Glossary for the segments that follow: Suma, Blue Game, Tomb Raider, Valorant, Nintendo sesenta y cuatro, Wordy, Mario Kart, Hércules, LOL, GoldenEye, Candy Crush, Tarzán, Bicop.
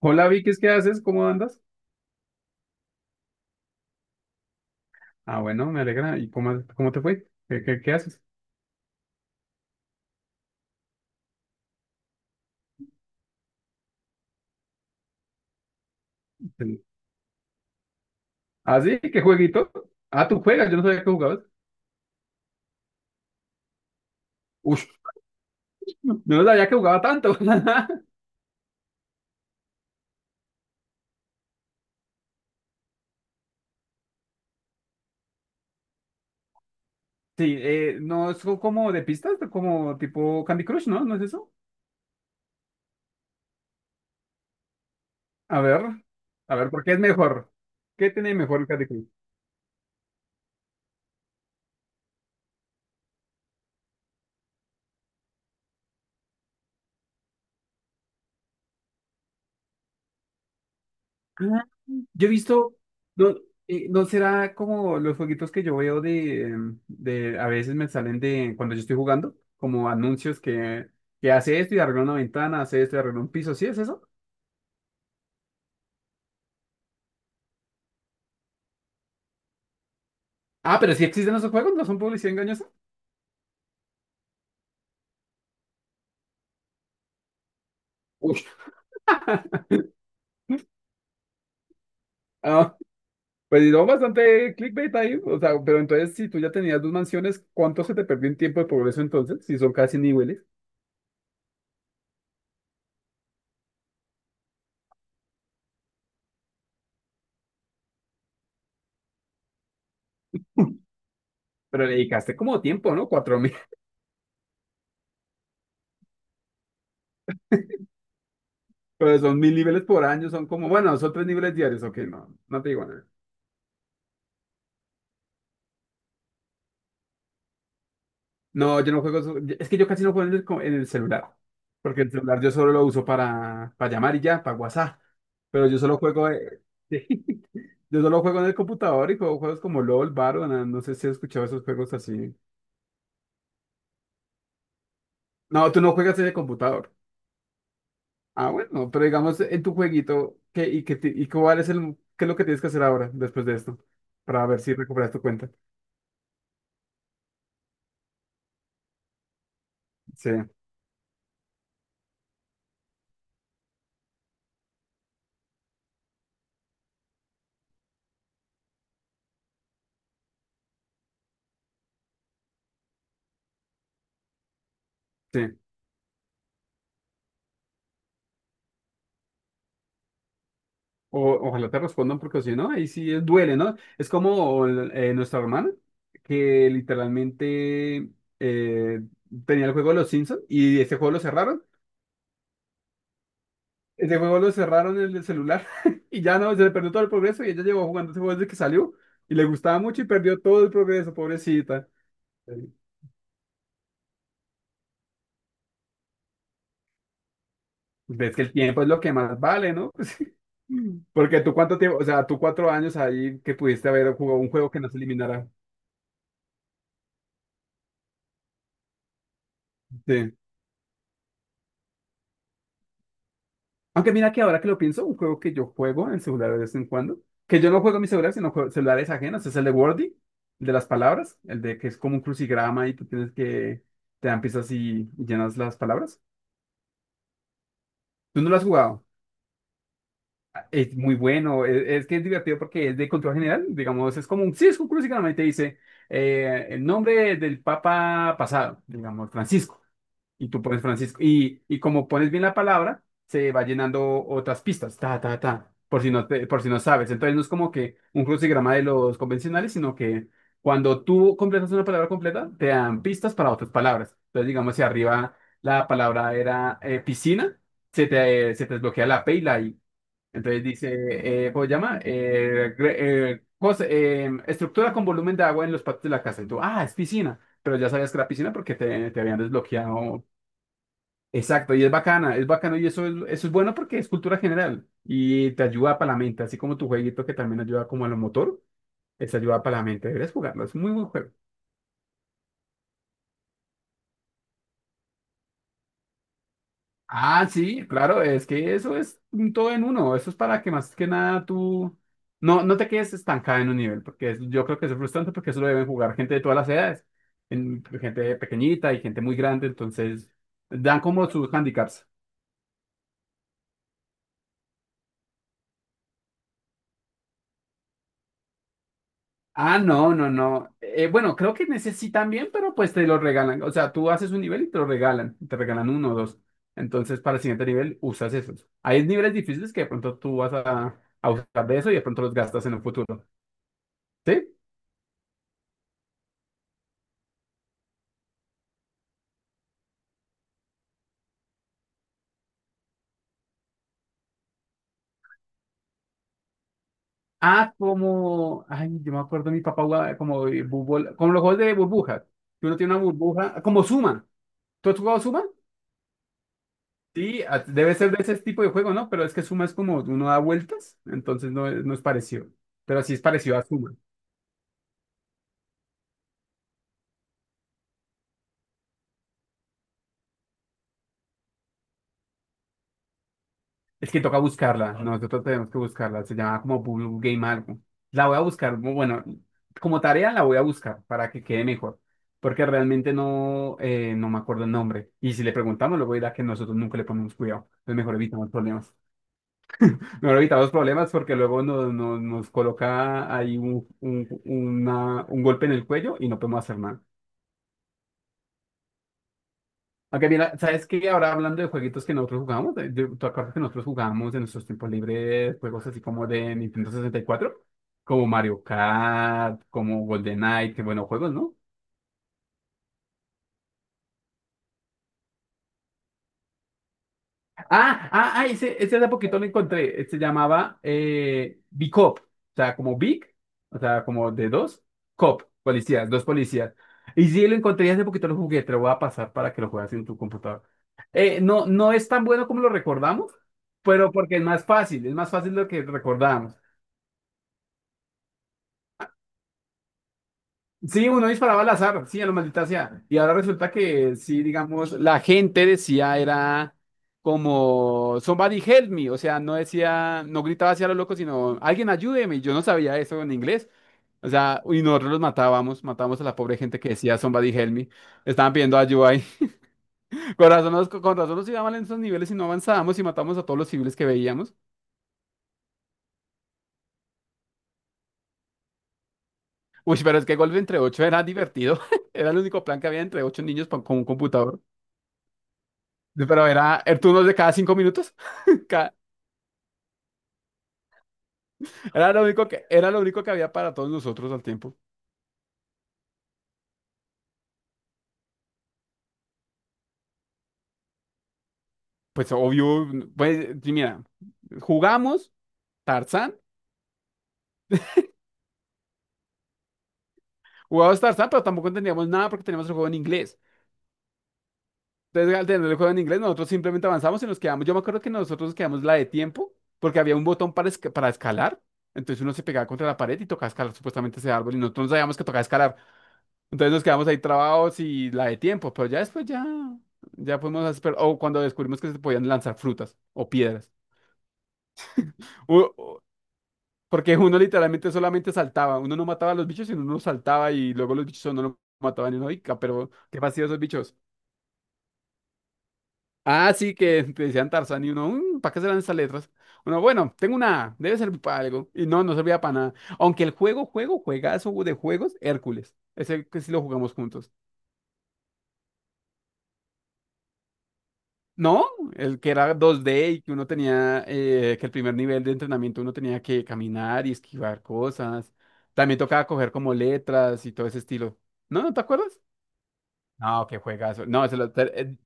Hola Vicky, ¿qué haces? ¿Cómo andas? Ah, bueno, me alegra. ¿Y cómo te fue? ¿Qué haces? ¿Ah, sí? ¿Qué jueguito? Ah, tú juegas, yo no sabía que jugabas. Uf, yo no sabía que jugaba tanto. Sí, no es como de pistas, como tipo Candy Crush, ¿no? ¿No es eso? A ver, a ver, ¿por qué es mejor? ¿Qué tiene mejor el Candy Crush? Yo he visto, no, no será como los jueguitos que yo veo de, de, a veces me salen de, cuando yo estoy jugando, como anuncios que hace esto y arregla una ventana, hace esto y arregla un piso, ¿sí es eso? Ah, pero sí existen esos juegos, ¿no son publicidad engañosa? Uy, Ah, pues no, bastante clickbait ahí, o sea, pero entonces si tú ya tenías dos mansiones, ¿cuánto se te perdió en tiempo de progreso entonces? Si son casi niveles, pero le dedicaste como tiempo, ¿no? 4000. Pero son 1000 niveles por año, son como, bueno, son tres niveles diarios, ok, no, no te digo nada. No, yo no juego. Es que yo casi no juego en el, en el celular. Porque el celular yo solo lo uso para llamar y ya, para WhatsApp. Pero yo solo juego. Yo solo juego en el computador y juego juegos como LOL, Valorant. No sé si has escuchado esos juegos así. No, tú no juegas en el computador. Ah, bueno, pero digamos en tu jueguito, ¿qué, y, qué, ti- y cuál es el, qué es lo que tienes que hacer ahora, después de esto? Para ver si recuperas tu cuenta. Sí, sí. O, ojalá te respondan porque si no, ahí sí duele, ¿no? Es como nuestra hermana que literalmente eh, tenía el juego de los Simpsons y ese juego lo cerraron. Ese juego lo cerraron en el celular y ya no, se le perdió todo el progreso y ella llevó jugando ese juego desde que salió y le gustaba mucho y perdió todo el progreso, pobrecita. Sí. Ves que el tiempo es lo que más vale, ¿no? Pues, porque tú cuánto tiempo, o sea, tú 4 años ahí que pudiste haber jugado un juego que no se eliminara. Sí. Aunque mira que ahora que lo pienso, un juego que yo juego en celular de vez en cuando, que yo no juego en mi celular, sino juego celulares ajenos, es el de Wordy, el de las palabras, el de que es como un crucigrama y tú tienes que, te dan pistas y llenas las palabras. ¿Tú no lo has jugado? Es muy bueno, es que es divertido porque es de control general, digamos, es como un Cisco Cruz y te dice el nombre del Papa pasado, digamos, Francisco, y tú pones Francisco, y como pones bien la palabra, se va llenando otras pistas, ta, ta, ta, por si no, por si no sabes, entonces no es como que un crucigrama de los convencionales, sino que cuando tú completas una palabra completa, te dan pistas para otras palabras, entonces digamos, si arriba la palabra era piscina, se te desbloquea la P y la I. Entonces dice, ¿cómo se llama? Estructura con volumen de agua en los patios de la casa. Y tú, ah, es piscina. Pero ya sabías que era piscina porque te habían desbloqueado. Exacto, y es bacana, es bacano y eso es bueno porque es cultura general y te ayuda para la mente, así como tu jueguito que también ayuda como a lo motor, eso ayuda para la mente. Deberías jugarlo, es muy buen juego. Ah, sí, claro, es que eso es un todo en uno. Eso es para que más que nada tú no te quedes estancada en un nivel, porque yo creo que eso es frustrante porque eso lo deben jugar gente de todas las edades, gente pequeñita y gente muy grande, entonces dan como sus handicaps. Ah, no, no, no. Bueno, creo que necesitan bien, pero pues te lo regalan. O sea, tú haces un nivel y te lo regalan, te regalan uno o dos. Entonces, para el siguiente nivel usas esos. Hay niveles difíciles que de pronto tú vas a usar de eso y de pronto los gastas en el futuro. ¿Sí? Ah, como, ay, yo me acuerdo, mi papá jugaba como de como los juegos de burbujas, que uno tiene una burbuja, como Suma. ¿Tú has jugado Suma? Sí, debe ser de ese tipo de juego, ¿no? Pero es que Suma es como uno da vueltas, entonces no es parecido. Pero sí es parecido a Suma. Es que toca buscarla, nosotros tenemos que buscarla, se llama como Blue Game algo. La voy a buscar, bueno, como tarea la voy a buscar para que quede mejor, porque realmente no, no me acuerdo el nombre. Y si le preguntamos, luego dirá que nosotros nunca le ponemos cuidado, entonces mejor evitamos problemas. Mejor evitamos problemas porque luego nos coloca ahí un golpe en el cuello y no podemos hacer nada. Aunque mira, ¿sabes qué? Ahora hablando de jueguitos que nosotros jugamos, ¿tú acuerdas que nosotros jugamos en nuestros tiempos libres juegos así como de Nintendo 64? Como Mario Kart, como GoldenEye, que buenos juegos, ¿no? Ah, ah, ah, ese hace poquito lo encontré. Se llamaba Bicop, o sea, como Big, o sea, como de dos, Cop, policías, dos policías. Y sí, lo encontré y hace poquito, lo jugué, te lo voy a pasar para que lo juegues en tu computador. No, no es tan bueno como lo recordamos, pero porque es más fácil de lo que recordamos. Sí, uno disparaba al azar, sí, a lo maldita sea. Y ahora resulta que sí, digamos, la gente decía era como somebody help me, o sea, no decía, no gritaba hacia los locos, sino alguien ayúdeme. Y yo no sabía eso en inglés. O sea, y nosotros los matábamos, matábamos a la pobre gente que decía somebody help me. Estaban pidiendo ayuda ahí. Con razón nos iba mal en esos niveles y no avanzábamos y matábamos a todos los civiles que veíamos. Uy, pero es que golpe entre ocho era divertido. Era el único plan que había entre ocho niños con un computador. Pero era el turno de cada 5 minutos. Cada- era lo único que había para todos nosotros al tiempo. Pues obvio, pues y mira, jugamos Tarzán, jugamos Tarzán, pero tampoco entendíamos nada porque teníamos el juego en inglés. Entonces, al tener el juego en inglés, nosotros simplemente avanzamos y nos quedamos. Yo me acuerdo que nosotros nos quedamos la de tiempo, porque había un botón para, para escalar. Entonces uno se pegaba contra la pared y tocaba escalar supuestamente ese árbol y nosotros no sabíamos que tocaba escalar. Entonces nos quedamos ahí trabados y la de tiempo, pero ya después ya fuimos a o cuando descubrimos que se podían lanzar frutas o piedras. U- u- porque uno literalmente solamente saltaba, uno no mataba a los bichos, sino uno no saltaba y luego los bichos no lo mataban y uno, "Ica, pero qué fastidio esos bichos. Ah, sí, que te decían Tarzán y uno, ¿para qué serán esas letras? Uno, bueno, tengo una A, debe servir para algo. Y no, no servía para nada. Aunque el juegazo de juegos, Hércules. Es el que sí lo jugamos juntos. No, el que era 2D y que uno tenía, que el primer nivel de entrenamiento uno tenía que caminar y esquivar cosas. También tocaba coger como letras y todo ese estilo. ¿No? ¿No te acuerdas? No, qué juegazo. No,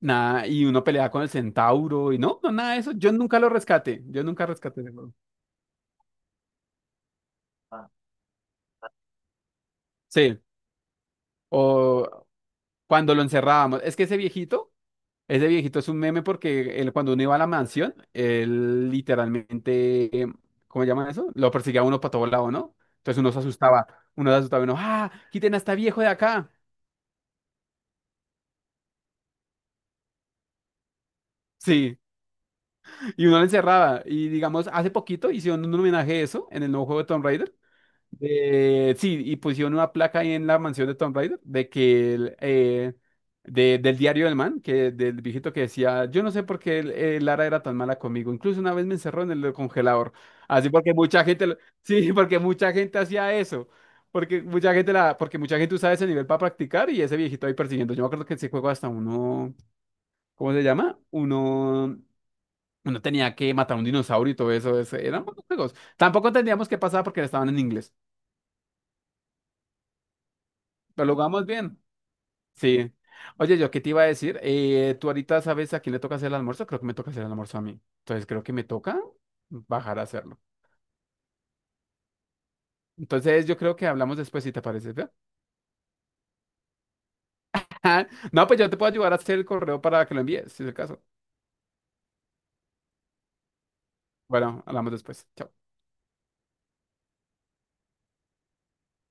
nada, y uno peleaba con el centauro y no, no, nada de eso. Yo nunca lo rescaté. Yo nunca rescaté ese juego. Sí, o cuando lo encerrábamos. Es que ese viejito Ese viejito es un meme porque él, cuando uno iba a la mansión, él literalmente, ¿cómo se llama eso? Lo perseguía a uno para todos lados, ¿no? Entonces uno se asustaba, uno, ¡ah! Quiten a este viejo de acá. Sí, y uno le encerraba. Y digamos, hace poquito hicieron un homenaje a eso en el nuevo juego de Tomb Raider. Sí, y pusieron una placa ahí en la mansión de Tom Raider de que del diario del man, que del viejito que decía, yo no sé por qué Lara era tan mala conmigo. Incluso una vez me encerró en el congelador. Así porque mucha gente, sí, porque mucha gente hacía eso. Porque mucha gente usaba ese nivel para practicar y ese viejito ahí persiguiendo. Yo me acuerdo que ese juego hasta uno, ¿cómo se llama? Uno tenía que matar a un dinosaurio y todo eso. Eran buenos juegos. Tampoco entendíamos qué pasaba porque estaban en inglés. Pero lo jugamos bien. Sí. Oye, yo qué te iba a decir, tú ahorita sabes a quién le toca hacer el almuerzo, creo que me toca hacer el almuerzo a mí. Entonces creo que me toca bajar a hacerlo. Entonces yo creo que hablamos después si te parece. ¿Ve? No, pues yo te puedo ayudar a hacer el correo para que lo envíes, si es el caso. Bueno, hablamos después. Chao.